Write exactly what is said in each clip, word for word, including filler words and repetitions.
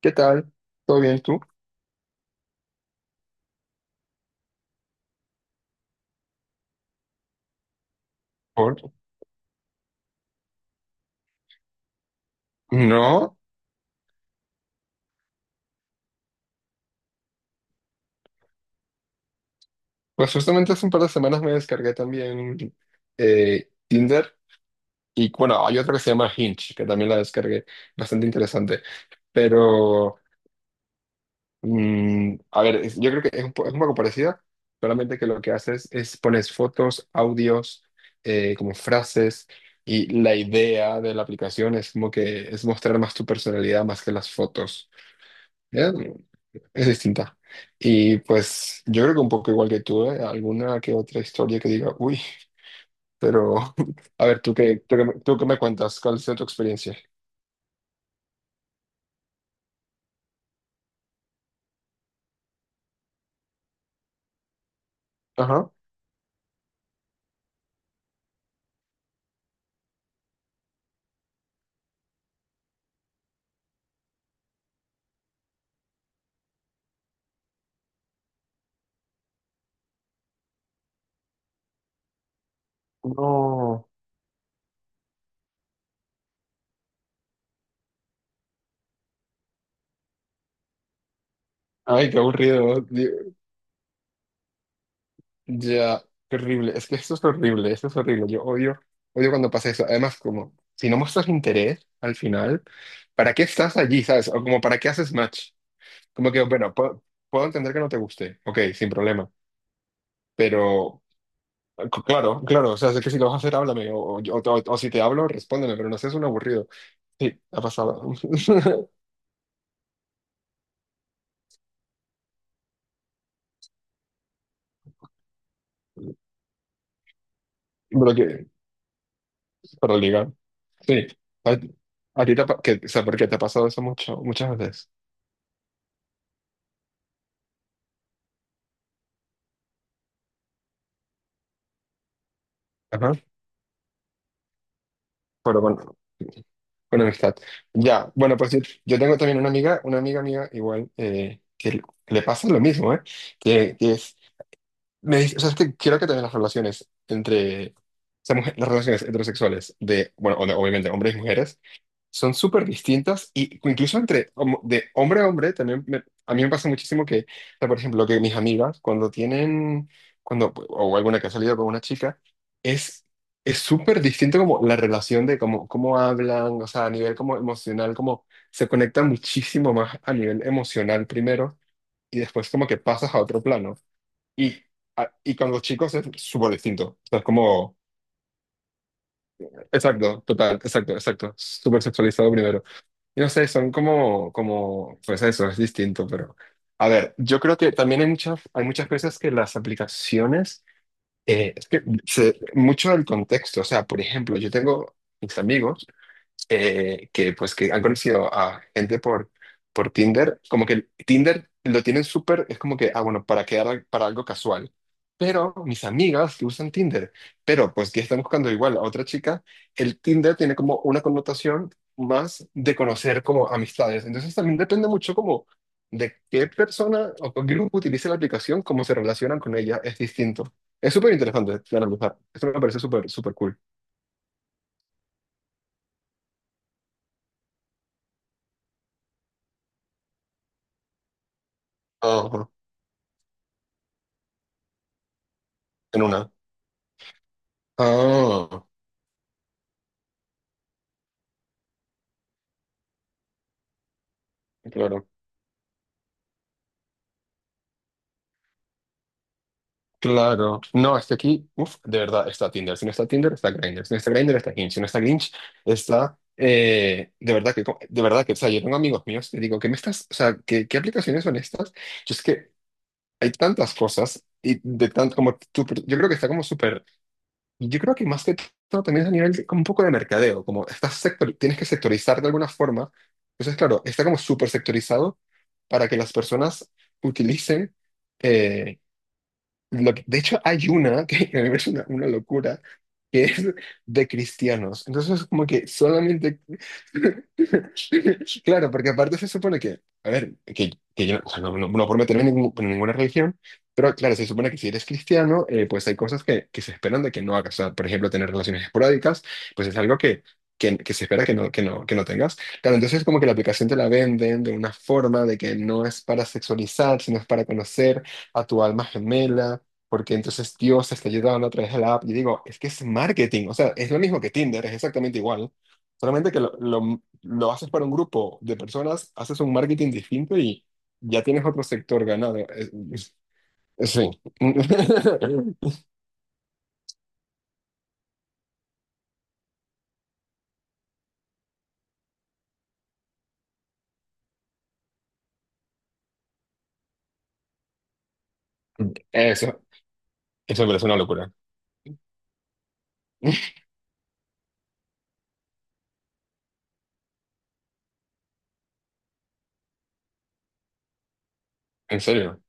¿Qué tal? ¿Todo bien tú? ¿Por? No, pues justamente hace un par de semanas me descargué también eh, Tinder. Y bueno, hay otra que se llama Hinge, que también la descargué, bastante interesante, pero mm, a ver, es- yo creo que es un, po- es un poco parecida, solamente que lo que haces es pones fotos, audios, eh, como frases, y la idea de la aplicación es como que es mostrar más tu personalidad más que las fotos. Es distinta. Y pues yo creo que un poco igual que tú, ¿eh? Alguna que otra historia que diga, uy, pero a ver, ¿tú qué, tú qué, me tú qué me cuentas? ¿Cuál ha sido tu experiencia? Ajá. No. Ay, qué aburrido. Di- Ya, qué horrible. Es que esto es horrible, esto es horrible. Yo odio, odio cuando pasa eso. Además, como, si no muestras interés al final, ¿para qué estás allí, sabes? O como, ¿para qué haces match? Como que, bueno, puedo, puedo, entender que no te guste. Ok, sin problema. Pero C- claro, claro, o sea, sé que si lo vas a hacer, háblame, o, o, yo- o- o si te hablo, respóndeme, pero no seas un aburrido. Sí, ha pasado. Pero que, para ligar. Sí, a, a ti te, ha pa- que, o sea, porque te ha pasado eso mucho, muchas veces. Ajá. Pero bueno, con amistad. Ya, bueno, pues yo, yo tengo también una amiga, una amiga, mía igual, eh, que le le pasa lo mismo, ¿eh? Que, que es, me dice, o sea, es que quiero que también las relaciones entre, o sea, mujer- las relaciones heterosexuales de, bueno, o de- obviamente hombres y mujeres, son súper distintas. Y incluso entre homo- de hombre a hombre también me- a mí me pasa muchísimo que, o sea, por ejemplo, que mis amigas cuando tienen, cuando, o alguna que ha salido con una chica, es es súper distinto como la relación de cómo, cómo hablan, o sea, a nivel como emocional, como se conecta muchísimo más a nivel emocional primero y después como que pasas a otro plano. Y, a- y con los chicos es súper distinto. O sea, es como, exacto, total, exacto, exacto, súper sexualizado primero. Y no sé, son como, como, pues eso, es distinto, pero... A ver, yo creo que también hay muchas, hay muchas veces que las aplicaciones, eh, es que se- mucho del contexto, o sea, por ejemplo, yo tengo mis amigos eh, que pues que han conocido a gente por, por Tinder, como que Tinder lo tienen súper, es como que, ah, bueno, para quedar para algo casual. Pero mis amigas que usan Tinder, pero pues que están buscando igual a otra chica, el Tinder tiene como una connotación más de conocer como amistades. Entonces también depende mucho como de qué persona o qué grupo utilice la aplicación, cómo se relacionan con ella, es distinto. Es súper interesante de analizar. Esto me parece súper, súper cool. Ajá, en una. Ah. Claro, claro. No, es que aquí, uff, de verdad, está Tinder. Si no está Tinder, está Grindr. Si no está Grindr, está Hinge. Si no está Hinge, está... eh, de verdad que, co- de verdad que, o sea, yo tengo amigos míos que digo, ¿qué me estás, o sea, qué, qué aplicaciones son estas? Yo es que hay tantas cosas y de tanto como tú, yo creo que está como súper, yo creo que más que todo también es a nivel de- como un poco de mercadeo, como estás sector, tienes que sectorizar de alguna forma. Entonces, claro, está como súper sectorizado para que las personas utilicen. eh, Lo que- de hecho, hay una que que es una, una locura, que es de cristianos. Entonces, como que solamente... Claro, porque aparte se supone que, a ver, que, que yo o sea, no, no, no por meterme en, ningún- en ninguna religión, pero claro, se supone que si eres cristiano, eh, pues hay cosas que, que, se esperan de que no hagas. O sea, por ejemplo, tener relaciones esporádicas, pues es algo que, que, que se espera que no, que no, que no tengas. Claro, entonces como que la aplicación te la venden de una forma de que no es para sexualizar, sino es para conocer a tu alma gemela porque entonces Dios está ayudando a través de la app. Y digo, es que es marketing, o sea, es lo mismo que Tinder, es exactamente igual, solamente que lo, lo, lo haces para un grupo de personas, haces un marketing distinto y ya tienes otro sector ganado. Es- es- sí. Eso, eso me parece una locura. ¿En serio?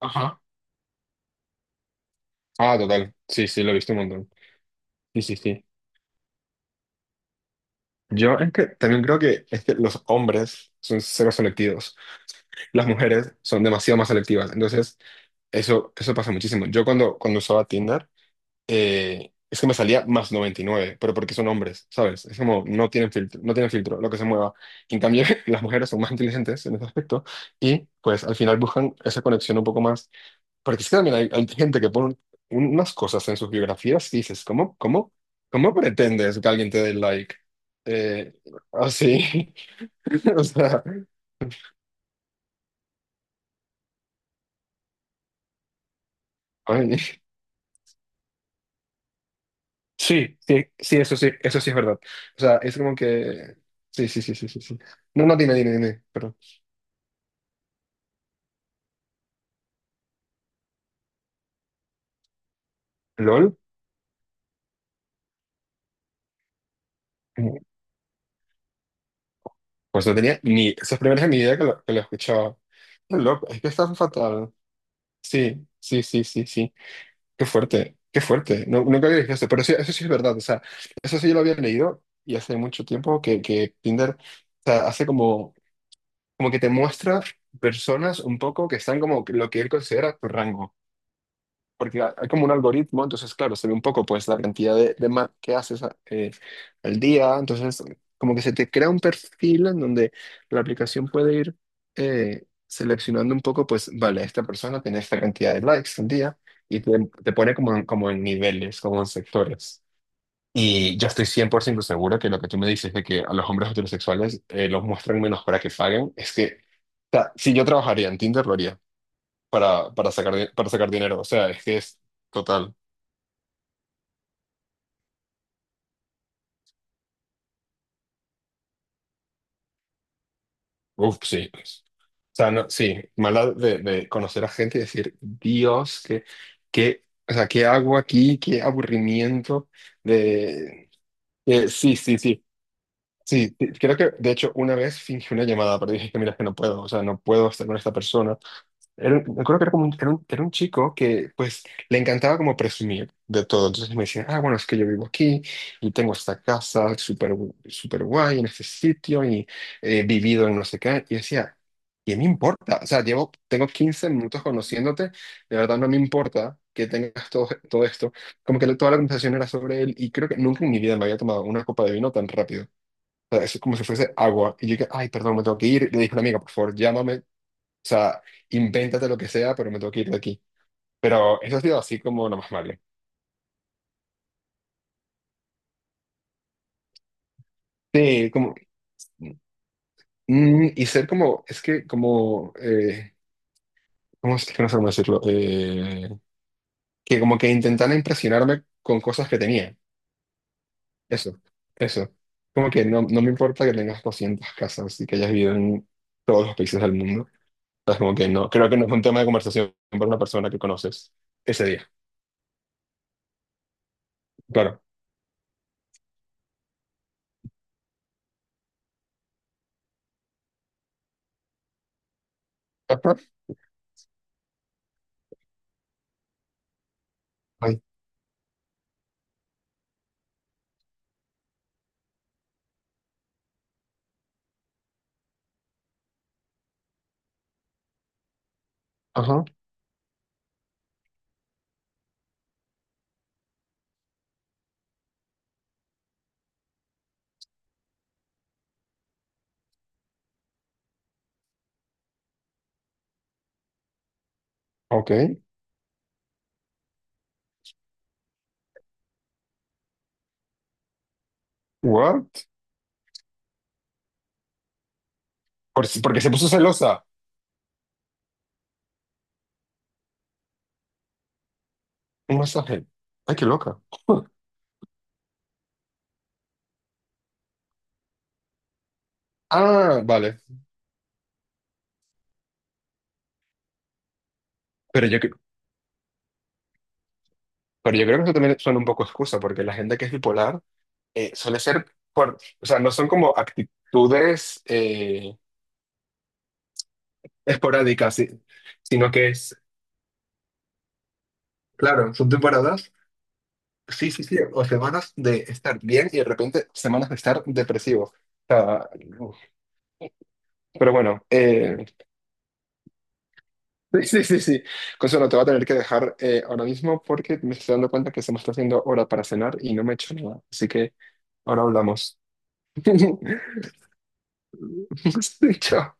Ajá. Ah, total. Sí, sí, lo he visto un montón. Sí, sí, sí. Yo es que también creo que, es que los hombres son cero selectivos. Las mujeres son demasiado más selectivas. Entonces, eso, eso pasa muchísimo. Yo cuando, cuando usaba Tinder, eh, es que me salía más noventa y nueve pero porque son hombres, ¿sabes? Es como, no tienen filtro, no tienen filtro, lo que se mueva. En cambio, las mujeres son más inteligentes en ese aspecto y pues al final buscan esa conexión un poco más. Porque es que también hay, hay gente que pone un- unas cosas en sus biografías y dices, ¿cómo, cómo, cómo pretendes que alguien te dé like? Eh, Así, o sea, ay. Sí, sí, sí, eso sí, eso sí es verdad. O sea, es como que... Sí, sí, sí, sí, sí, sí. No, no, dime, dime, dime, perdón. ¿LOL? Mm, Pues no tenía ni... Esas primeras en mi vida que lo, que lo, escuchaba. Qué loco, es que está fatal. Sí, sí, sí, sí, sí. Qué fuerte, qué fuerte. No, nunca había visto eso, pero sí, eso sí es verdad. O sea, eso sí yo lo había leído y hace mucho tiempo que, que, Tinder, o sea, hace como, como que te muestra personas un poco que están como lo que él considera tu rango. Porque ha- hay como un algoritmo, entonces, claro, se ve un poco pues la cantidad de, de ma- que haces a- eh, al día, entonces como que se te crea un perfil en donde la aplicación puede ir eh, seleccionando un poco, pues, vale, esta persona tiene esta cantidad de likes al día y te, te pone como en, como en niveles, como en sectores. Y yo estoy cien por ciento seguro que lo que tú me dices de que a los hombres heterosexuales eh, los muestran menos para que paguen, es que, o sea, si yo trabajaría en Tinder, lo haría para, para, sacar, di- para sacar dinero. O sea, es que es total. Uf, sí. O sea, no, sí, maldad de, de, conocer a gente y decir, Dios, qué, qué, o sea, ¿qué hago aquí? Qué aburrimiento de... eh, sí, sí, sí. Sí, sí, creo que de hecho una vez fingí una llamada, pero dije que mira, es que no puedo, o sea, no puedo estar con esta persona. Era un- me acuerdo que era como un, era un, era un chico que pues le encantaba como presumir de todo. Entonces me decía, ah, bueno, es que yo vivo aquí y tengo esta casa súper gu- súper guay en este sitio y he vivido en no sé qué. Y decía, ¿qué me importa? O sea, llevo, tengo quince minutos conociéndote, de verdad no me importa que tengas todo, todo esto. Como que toda la conversación era sobre él y creo que nunca en mi vida me había tomado una copa de vino tan rápido. O sea, es como si fuese agua. Y yo dije, ay, perdón, me tengo que ir. Le dije a una amiga, por favor, llámame, o sea, invéntate lo que sea, pero me tengo que ir de aquí. Pero eso ha sido así como lo más malo. Sí, como... mm, y ser como... Es que como... Eh, ¿cómo es que no sé cómo decirlo? Eh, que como que intentara impresionarme con cosas que tenía. Eso, eso. Como que no, no me importa que tengas doscientas casas y que hayas vivido en todos los países del mundo. Es como que no. Creo que no es un tema de conversación para una persona que conoces ese día. Claro. Ajá. Ay, ajá. Ok. What? Por- si, porque se puso celosa. Un masaje. Ay, qué loca. Ah, vale. Pero yo, cre- pero yo creo que eso también suena un poco excusa, porque la gente que es bipolar eh, suele ser por, o sea, no son como actitudes eh, esporádicas, sí, sino que es, claro, son temporadas, sí, sí, sí, o semanas de estar bien y de repente semanas de estar depresivo. O sea, pero bueno, eh, sí, sí, sí, sí. Consuelo, te voy a tener que dejar eh, ahora mismo porque me estoy dando cuenta que se me está haciendo hora para cenar y no me he hecho nada. Así que ahora hablamos. Chao.